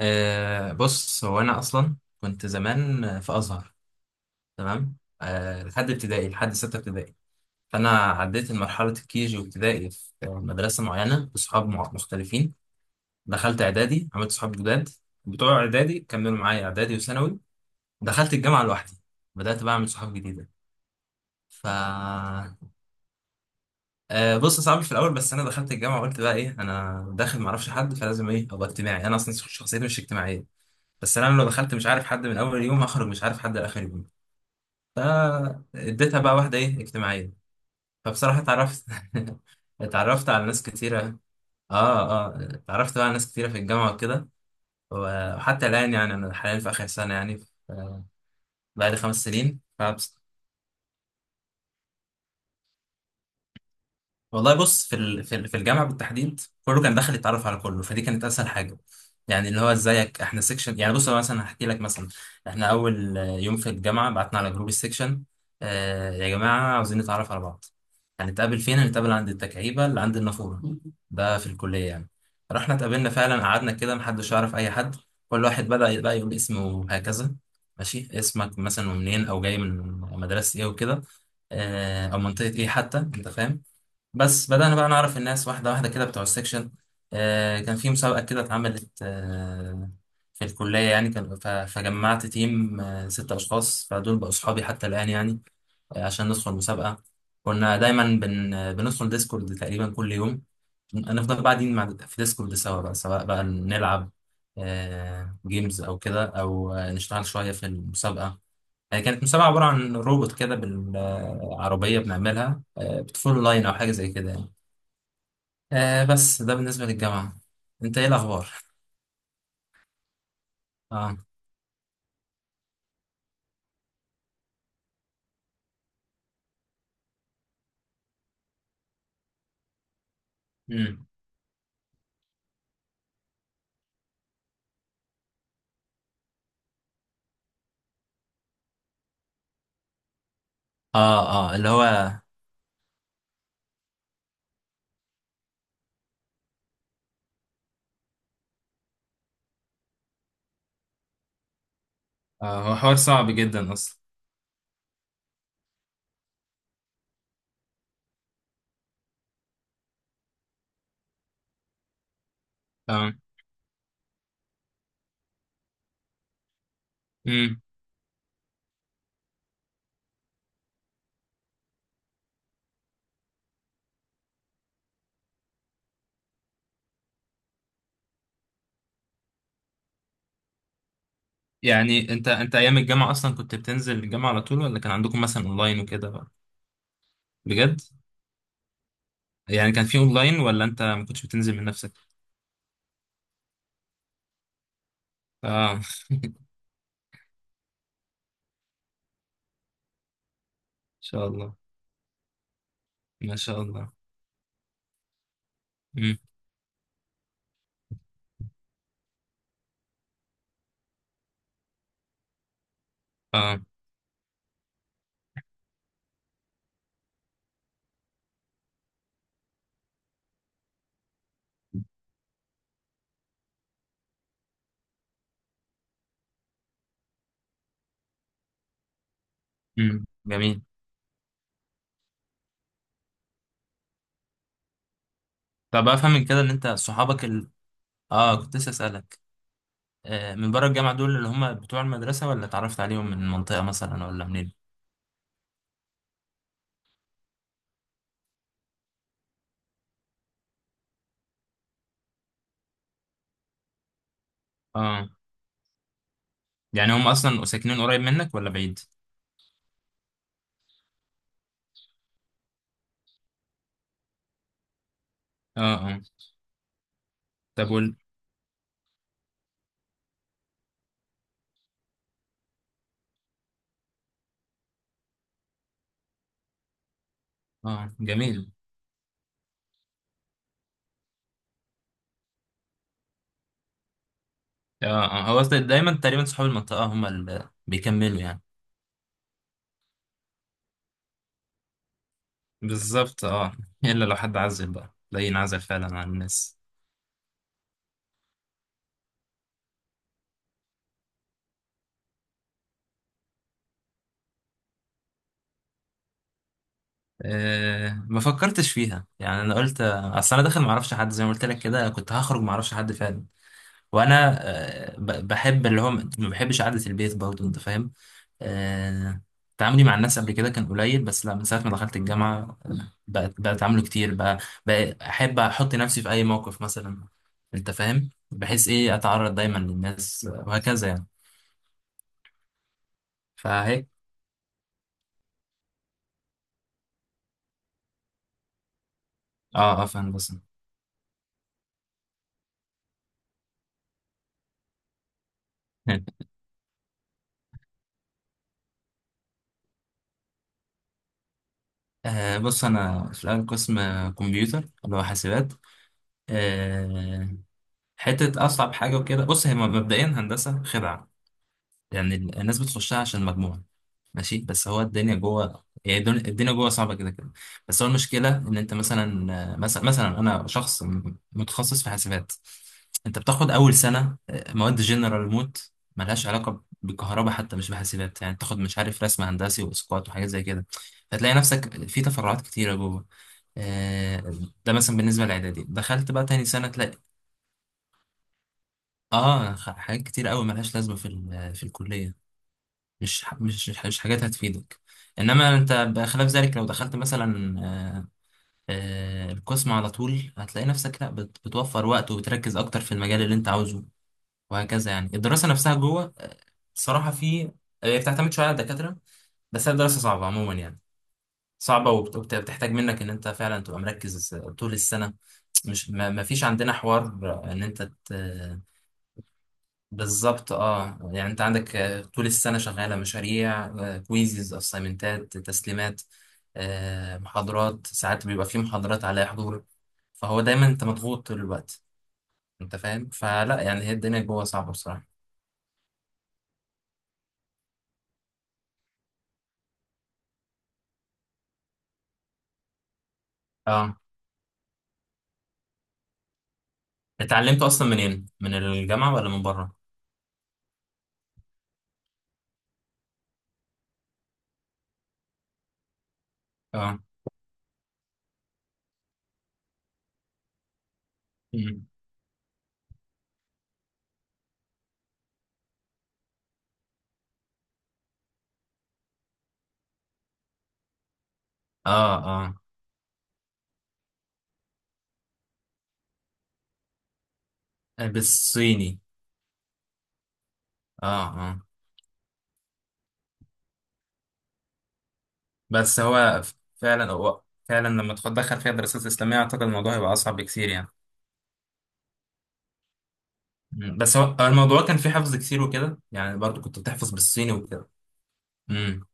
بص، هو أنا أصلا كنت زمان في أزهر. تمام. لحد ستة ابتدائي. فأنا عديت مرحلة الكيجي وابتدائي في مدرسة معينة بصحاب مختلفين. دخلت إعدادي، عملت صحاب جداد بتوع إعدادي كملوا معايا إعدادي وثانوي. دخلت الجامعة لوحدي، بدأت بقى أعمل صحاب جديدة. ف بص، صعب في الأول، بس أنا دخلت الجامعة قلت بقى إيه، أنا داخل معرفش حد فلازم إيه أبقى اجتماعي. أنا أصلا شخصيتي مش اجتماعية، بس انا لو دخلت مش عارف حد من اول يوم، هخرج مش عارف حد لاخر يوم. فاديتها بقى واحدة ايه اجتماعية. فبصراحة اتعرفت اتعرفت على ناس كتيرة. اه اه، اتعرفت بقى على ناس كتيرة في الجامعة وكده. وحتى الآن يعني أنا حاليا في آخر سنة، يعني بعد خمس سنين. والله بص، في الجامعه بالتحديد كله كان داخل يتعرف على كله، فدي كانت اسهل حاجه. يعني اللي هو ازيك، احنا سيكشن، يعني بص انا مثلا هحكي لك مثلا. احنا اول يوم في الجامعه بعتنا على جروب السيكشن. يا جماعه، عاوزين نتعرف على بعض. هنتقابل فين؟ هنتقابل عند التكعيبه اللي عند النافوره. ده في الكليه يعني. رحنا اتقابلنا فعلا، قعدنا كده، محدش يعرف اي حد. كل واحد بدا بقى يقول اسمه هكذا، ماشي، اسمك مثلا، ومنين، او جاي من مدرسه ايه وكده. او منطقه ايه حتى، انت فاهم. بس بدأنا بقى نعرف الناس واحدة واحدة كده، بتوع السكشن. كان في مسابقة كده اتعملت في الكلية يعني، كان فجمعت تيم ستة أشخاص، فدول بقوا أصحابي حتى الآن يعني، عشان ندخل مسابقة. كنا دايما بن آه، بندخل ديسكورد تقريبا كل يوم. نفضل قاعدين مع في ديسكورد سوا بقى، سواء بقى نلعب جيمز أو كده، أو نشتغل شوية في المسابقة. كانت مسابقة عبارة عن روبوت كده، بالعربية بنعملها، بتفول لاين أو حاجة زي كده يعني. بس ده بالنسبة للجامعة. انت ايه الأخبار؟ اه. امم. اه اه، اللي هو هو حوار صعب جدا أصلا. اه. امم. يعني انت أيام الجامعة أصلا كنت بتنزل الجامعة على طول، ولا كان عندكم مثلا أونلاين وكده بقى؟ بجد؟ يعني كان في أونلاين ولا انت ما كنتش بتنزل من نفسك؟ اه ان شاء الله. ما شاء الله. امم. اه. امم، جميل. طب أفهم من كده إن انت صحابك ال... اه، كنت لسه أسألك. من بره الجامعة دول اللي هم بتوع المدرسة، ولا اتعرفت عليهم من المنطقة مثلا ولا منين؟ اه، يعني هم اصلا ساكنين قريب منك ولا بعيد؟ اه اه. طب وال... اه جميل. اه اه، هو أصلاً دايما تقريبا صحاب المنطقة هم اللي بيكملوا يعني. بالظبط اه. الا لو حد عزل بقى، لا ينعزل فعلا عن الناس. ما فكرتش فيها، يعني انا قلت اصل انا داخل ما اعرفش حد، زي ما قلت لك كده كنت هخرج ما اعرفش حد فعلا. وانا بحب اللي هو، ما بحبش قعدة البيت برضه، انت فاهم. آه، تعاملي مع الناس قبل كده كان قليل، بس لا من ساعة ما دخلت الجامعة بقت بقى اتعامله كتير بقى. بقى احب احط نفسي في اي موقف مثلا، انت فاهم، بحيث ايه اتعرض دايما للناس وهكذا يعني. فهيك. اه اه، فاهم بس. بص، انا في الاول قسم كمبيوتر اللي هو حاسبات. آه. حته اصعب حاجه وكده. بص، هي مبدئيا هندسه خدعه. يعني الناس بتخشها عشان مجموع، ماشي، بس هو الدنيا جوه يعني، الدنيا جوه صعبه كده كده. بس هو المشكله ان انت مثلا، مثلا انا شخص متخصص في حاسبات. انت بتاخد اول سنه مواد جنرال موت، ملهاش علاقه بالكهرباء حتى، مش بحاسبات يعني. بتاخد مش عارف رسم هندسي واسقاط وحاجات زي كده. فتلاقي نفسك في تفرعات كتيره جوه. آه، ده مثلا بالنسبه للاعدادي. دخلت بقى تاني سنه تلاقي اه، حاجات كتير قوي ملهاش لازمه في الكليه، مش حاجات هتفيدك. انما انت بخلاف ذلك، لو دخلت مثلا القسم على طول هتلاقي نفسك لا، بتوفر وقت وبتركز اكتر في المجال اللي انت عاوزه، وهكذا يعني. الدراسة نفسها جوه الصراحة في، هي بتعتمد شوية على الدكاترة، بس هي الدراسة صعبة عموما يعني. صعبة، وبتحتاج منك ان انت فعلا تبقى مركز طول السنة. مش ما فيش عندنا حوار ان انت. بالظبط اه. يعني انت عندك طول السنه شغاله مشاريع، كويزز، اسايمنتات، تسليمات، محاضرات. ساعات بيبقى في محاضرات عليها حضور. فهو دايما انت مضغوط طول الوقت، انت فاهم، فلا يعني هي الدنيا جوه صعبه بصراحه. اه، اتعلمته اصلا منين، من الجامعه ولا من بره؟ اه. مم. اه اه. بالصيني. اه اه. بس هو فعلا، هو فعلا لما تدخل فيها دراسات اسلاميه اعتقد الموضوع هيبقى اصعب بكتير يعني. مم. بس هو الموضوع كان فيه حفظ كتير وكده يعني، برضو كنت بتحفظ بالصيني وكده. امم.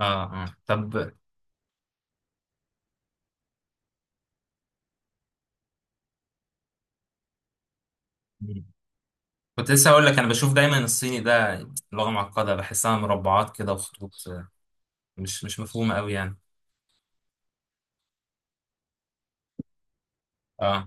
اه اه طب. مم. كنت لسه هقول لك، انا بشوف دايما الصيني ده لغة معقدة، بحسها مربعات كده وخطوط، مش مفهومة قوي يعني. اه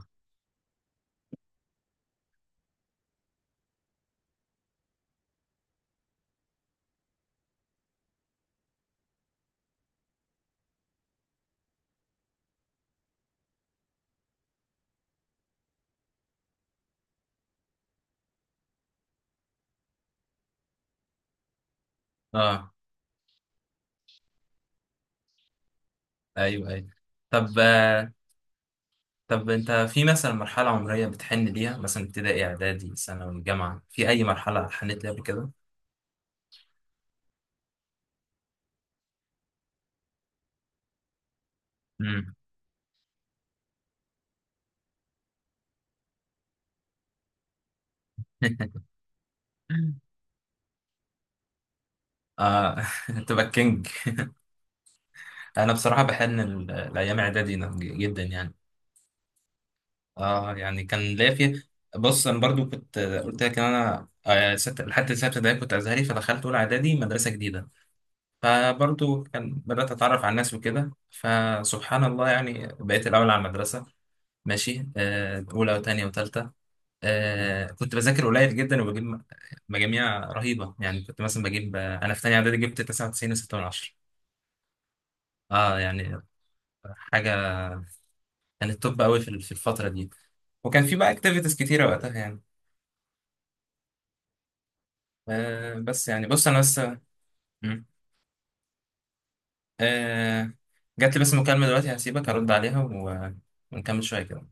اه. ايوه ايوه. طب طب انت في مثلا مرحلة عمرية بتحن ليها، مثلا ابتدائي، اعدادي، ثانوي، جامعة، في اي مرحلة حنيت ليها قبل كده؟ مم. اه. تبقى كينج. انا بصراحه بحن الايام اعدادي، نعم، جدا يعني. اه يعني كان ليا فيه. بص، انا برضو كنت قلت لك ان انا لحد سته ابتدائي كنت ازهري، فدخلت اولى اعدادي مدرسه جديده. فبرضو كان بدات اتعرف على الناس وكده، فسبحان الله يعني بقيت الاول على المدرسه، ماشي. اولى وثانيه وثالثه. كنت بذاكر قليل جدا وبجيب مجاميع رهيبه. يعني كنت مثلا بجيب انا في ثانيه اعدادي جبت 99.6 من عشرة. اه يعني حاجه، كانت توب قوي في الفتره دي. وكان في بقى اكتيفيتيز كتيره وقتها يعني. بس يعني بص انا بس. مم. آه جات لي بس مكالمة دلوقتي، هسيبك ارد عليها و... ونكمل شوية كده.